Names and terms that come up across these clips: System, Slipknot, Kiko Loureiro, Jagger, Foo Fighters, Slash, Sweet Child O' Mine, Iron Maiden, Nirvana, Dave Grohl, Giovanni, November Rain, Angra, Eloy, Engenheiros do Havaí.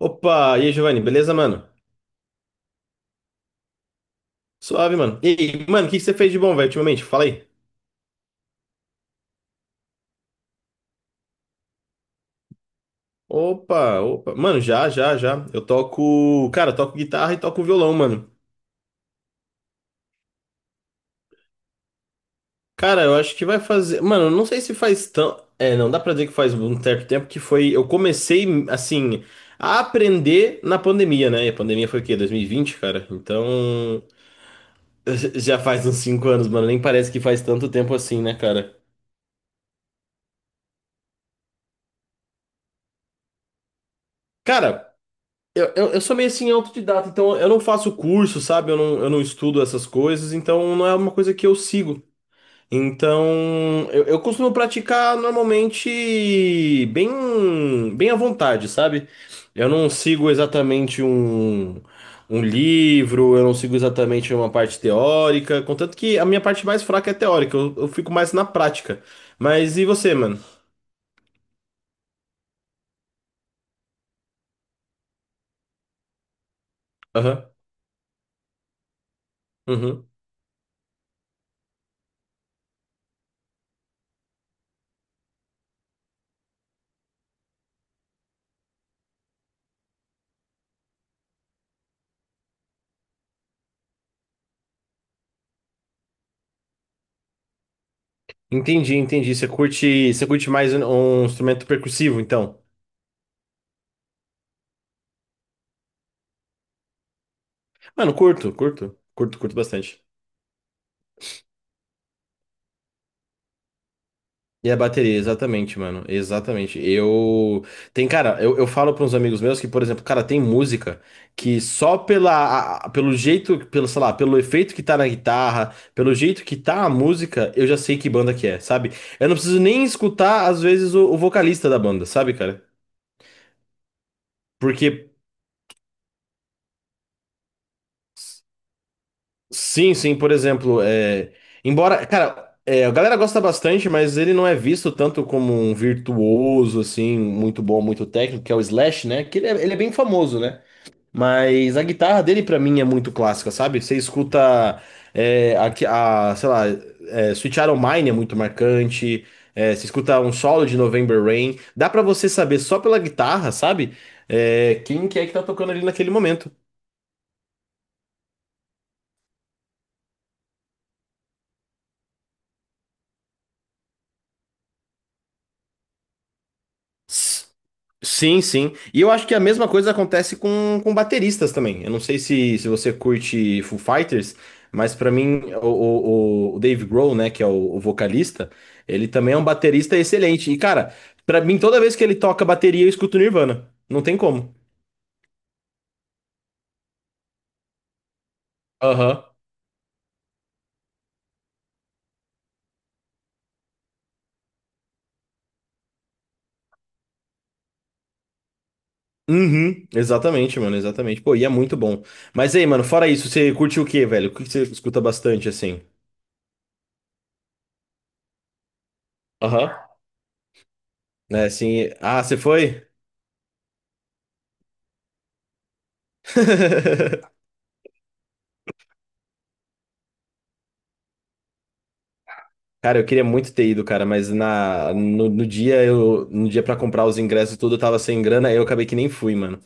Opa, e aí, Giovanni, beleza, mano? Suave, mano. E aí, mano, o que que você fez de bom, velho, ultimamente? Fala aí. Opa, opa. Mano, já, já, já. Eu toco. Cara, eu toco guitarra e toco violão, mano. Cara, eu acho que vai fazer. Mano, eu não sei se faz tão. É, não dá pra dizer que faz um certo tempo que foi. Eu comecei, assim, a aprender na pandemia, né? E a pandemia foi o quê? 2020, cara? Então. Já faz uns 5 anos, mano. Nem parece que faz tanto tempo assim, né, cara? Cara, eu sou meio assim autodidata, então eu não faço curso, sabe? Eu não estudo essas coisas, então não é uma coisa que eu sigo. Então eu costumo praticar normalmente bem, bem à vontade, sabe? Eu não sigo exatamente um livro, eu não sigo exatamente uma parte teórica, contanto que a minha parte mais fraca é teórica, eu fico mais na prática. Mas e você, mano? Aham. Uhum. Entendi, entendi. Você curte mais um instrumento percussivo, então? Mano, curto, curto. Curto, curto bastante. E a bateria, exatamente, mano. Exatamente. Eu. Tem, cara, eu falo para uns amigos meus que, por exemplo, cara, tem música que só pela, pelo jeito, pelo, sei lá, pelo efeito que tá na guitarra, pelo jeito que tá a música, eu já sei que banda que é, sabe? Eu não preciso nem escutar, às vezes, o vocalista da banda, sabe, cara? Porque Sim, sim, por exemplo, embora, cara, a galera gosta bastante, mas ele não é visto tanto como um virtuoso, assim, muito bom, muito técnico, que é o Slash, né? Ele é bem famoso, né? Mas a guitarra dele, pra mim, é muito clássica, sabe? Você escuta, é, a, que- a, sei lá, é, Sweet Child O' Mine é muito marcante, você escuta um solo de November Rain, dá pra você saber só pela guitarra, sabe? É, quem que é que tá tocando ali naquele momento. S- Sim, sim. E eu acho que a mesma coisa acontece com bateristas também. Eu não sei se você curte Foo Fighters, mas pra mim o Dave Grohl, né, que é o vocalista, ele também é um baterista excelente. E cara, pra mim toda vez que ele toca bateria eu escuto Nirvana. Não tem como. Aham. Uhum, exatamente, mano, exatamente. Pô, e é muito bom. Mas aí, mano, fora isso, você curte o quê, velho? O que que você escuta bastante assim? Aham. É, assim. Ah, você foi? Cara, eu queria muito ter ido, cara, mas na, no, no dia no dia para comprar os ingressos e tudo, eu tava sem grana, aí eu acabei que nem fui, mano.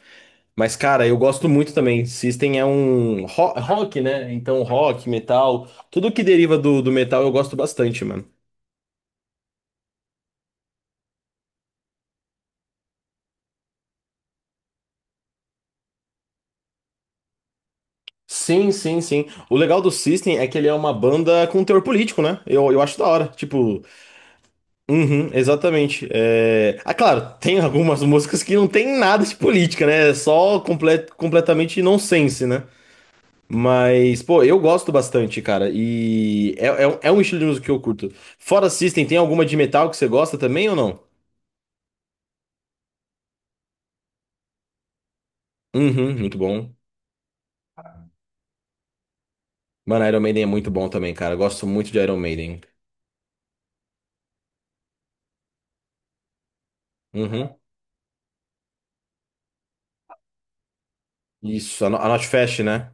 Mas, cara, eu gosto muito também. System é um rock, né? Então, rock, metal, tudo que deriva do, do metal eu gosto bastante, mano. Sim, sim, sim. O legal do System é que ele é uma banda com teor político, né? Eu acho da hora. Tipo, uhum, exatamente. É... Ah, claro, tem algumas músicas que não tem nada de política, né? É só completamente nonsense, né? Mas, pô, eu gosto bastante, cara. É um estilo de música que eu curto. Fora System, tem alguma de metal que você gosta também ou não? Uhum, muito bom. Mano, Iron Maiden é muito bom também, cara. Eu gosto muito de Iron Maiden. Uhum. Isso, No- a Not Fast, né?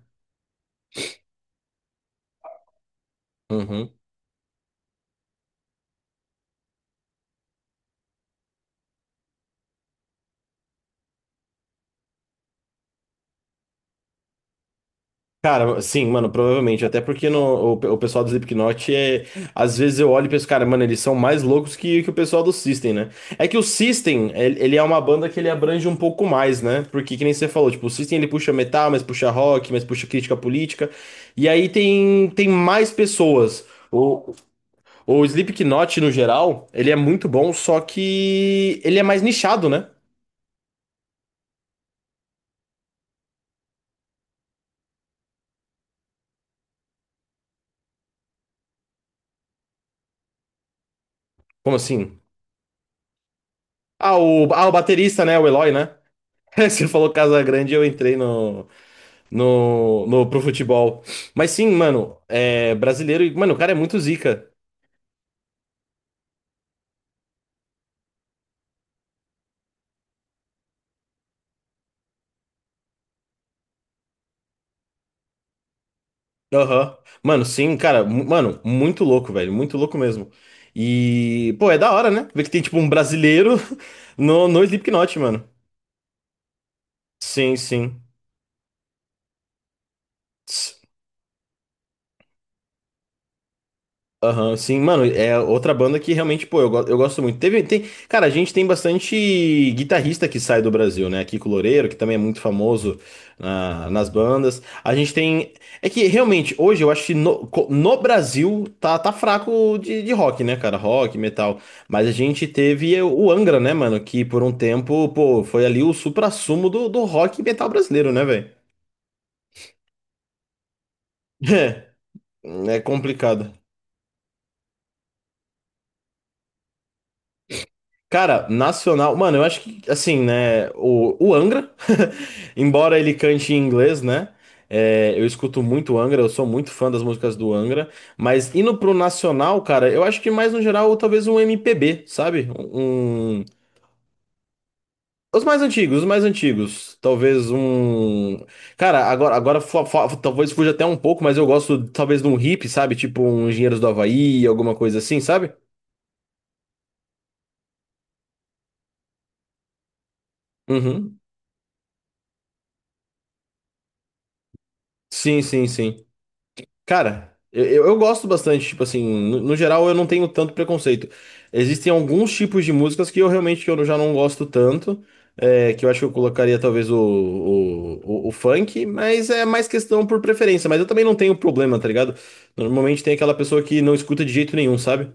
Uhum. Cara, sim, mano, provavelmente. Até porque no, o, pe- o pessoal do Slipknot é. Às vezes eu olho e penso, cara, mano, eles são mais loucos que o pessoal do System, né? É que o System, ele é uma banda que ele abrange um pouco mais, né? Porque, que nem você falou, tipo, o System ele puxa metal, mas puxa rock, mas puxa crítica política. E aí tem, tem mais pessoas. O, o Slipknot, no geral, ele é muito bom, só que ele é mais nichado, né? Como assim? Ah, o baterista, né? O Eloy, né? Você falou Casa Grande, eu entrei no. No, pro futebol. Mas sim, mano, é brasileiro e, mano, o cara é muito zica. Aham. Mano, sim, cara, mano, muito louco, velho, muito louco mesmo. E, pô, é da hora, né? Ver que tem, tipo, um brasileiro no Slipknot, mano. Sim, sim. Aham, sim, mano, é outra banda que realmente, pô, eu gosto muito. Cara, a gente tem bastante guitarrista que sai do Brasil, né? Kiko Loureiro, que também é muito famoso nas bandas. A gente tem. É que realmente, hoje eu acho que no Brasil tá, tá fraco de rock, né, cara? Rock, metal. Mas a gente teve o Angra, né, mano? Que por um tempo, pô, foi ali o suprassumo do, do rock e metal brasileiro, né, velho? É, é complicado. Cara, nacional. Mano, eu acho que, assim, né? O Angra, embora ele cante em inglês, né? É, eu escuto muito Angra, eu sou muito fã das músicas do Angra. Mas indo pro nacional, cara, eu acho que mais no geral, talvez um MPB, sabe? Os mais antigos, os mais antigos. Talvez um. Cara, agora, talvez fuja até um pouco, mas eu gosto talvez de um hip, sabe? Tipo um Engenheiros do Havaí, alguma coisa assim, sabe? Uhum. Sim, sim, sim. Cara, eu gosto bastante, tipo assim, no geral eu não tenho tanto preconceito. Existem alguns tipos de músicas que eu realmente que eu já não gosto tanto, que eu acho que eu colocaria talvez o funk, mas é mais questão por preferência. Mas eu também não tenho problema, tá ligado? Normalmente tem aquela pessoa que não escuta de jeito nenhum, sabe?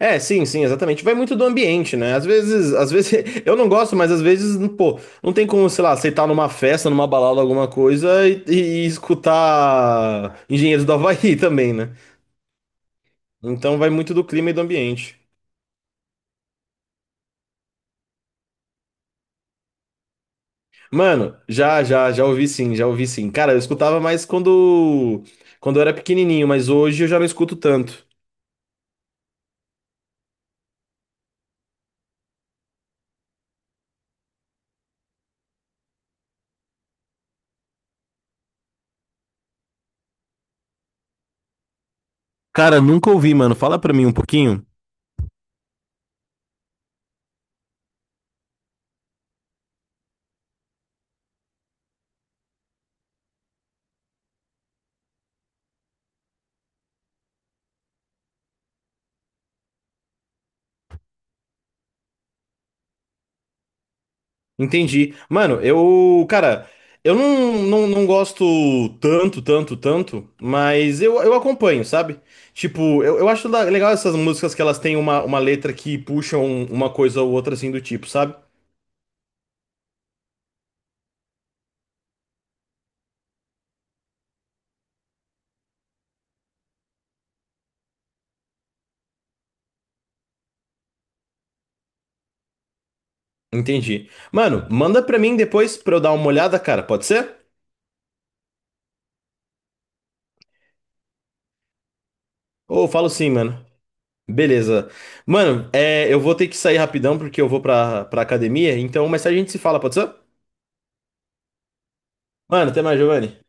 É, sim, sim, exatamente. Vai muito do ambiente, né? Às vezes eu não gosto, mas às vezes, pô, não tem como, sei lá, aceitar numa festa, numa balada, alguma coisa e escutar Engenheiros do Havaí também, né? Então vai muito do clima e do ambiente. Mano, já ouvi sim, já ouvi sim. Cara, eu escutava mais quando eu era pequenininho, mas hoje eu já não escuto tanto. Cara, nunca ouvi, mano. Fala pra mim um pouquinho. Entendi. Mano, eu, cara, eu não, não, não gosto tanto, mas eu acompanho, sabe? Tipo, eu acho legal essas músicas que elas têm uma letra que puxam uma coisa ou outra assim do tipo, sabe? Entendi. Mano, manda pra mim depois pra eu dar uma olhada, cara, pode ser? Ou eu falo sim, mano. Beleza. Mano, é, eu vou ter que sair rapidão porque eu vou pra academia, então mais tarde a gente se fala, pode ser? Mano, até mais, Giovanni.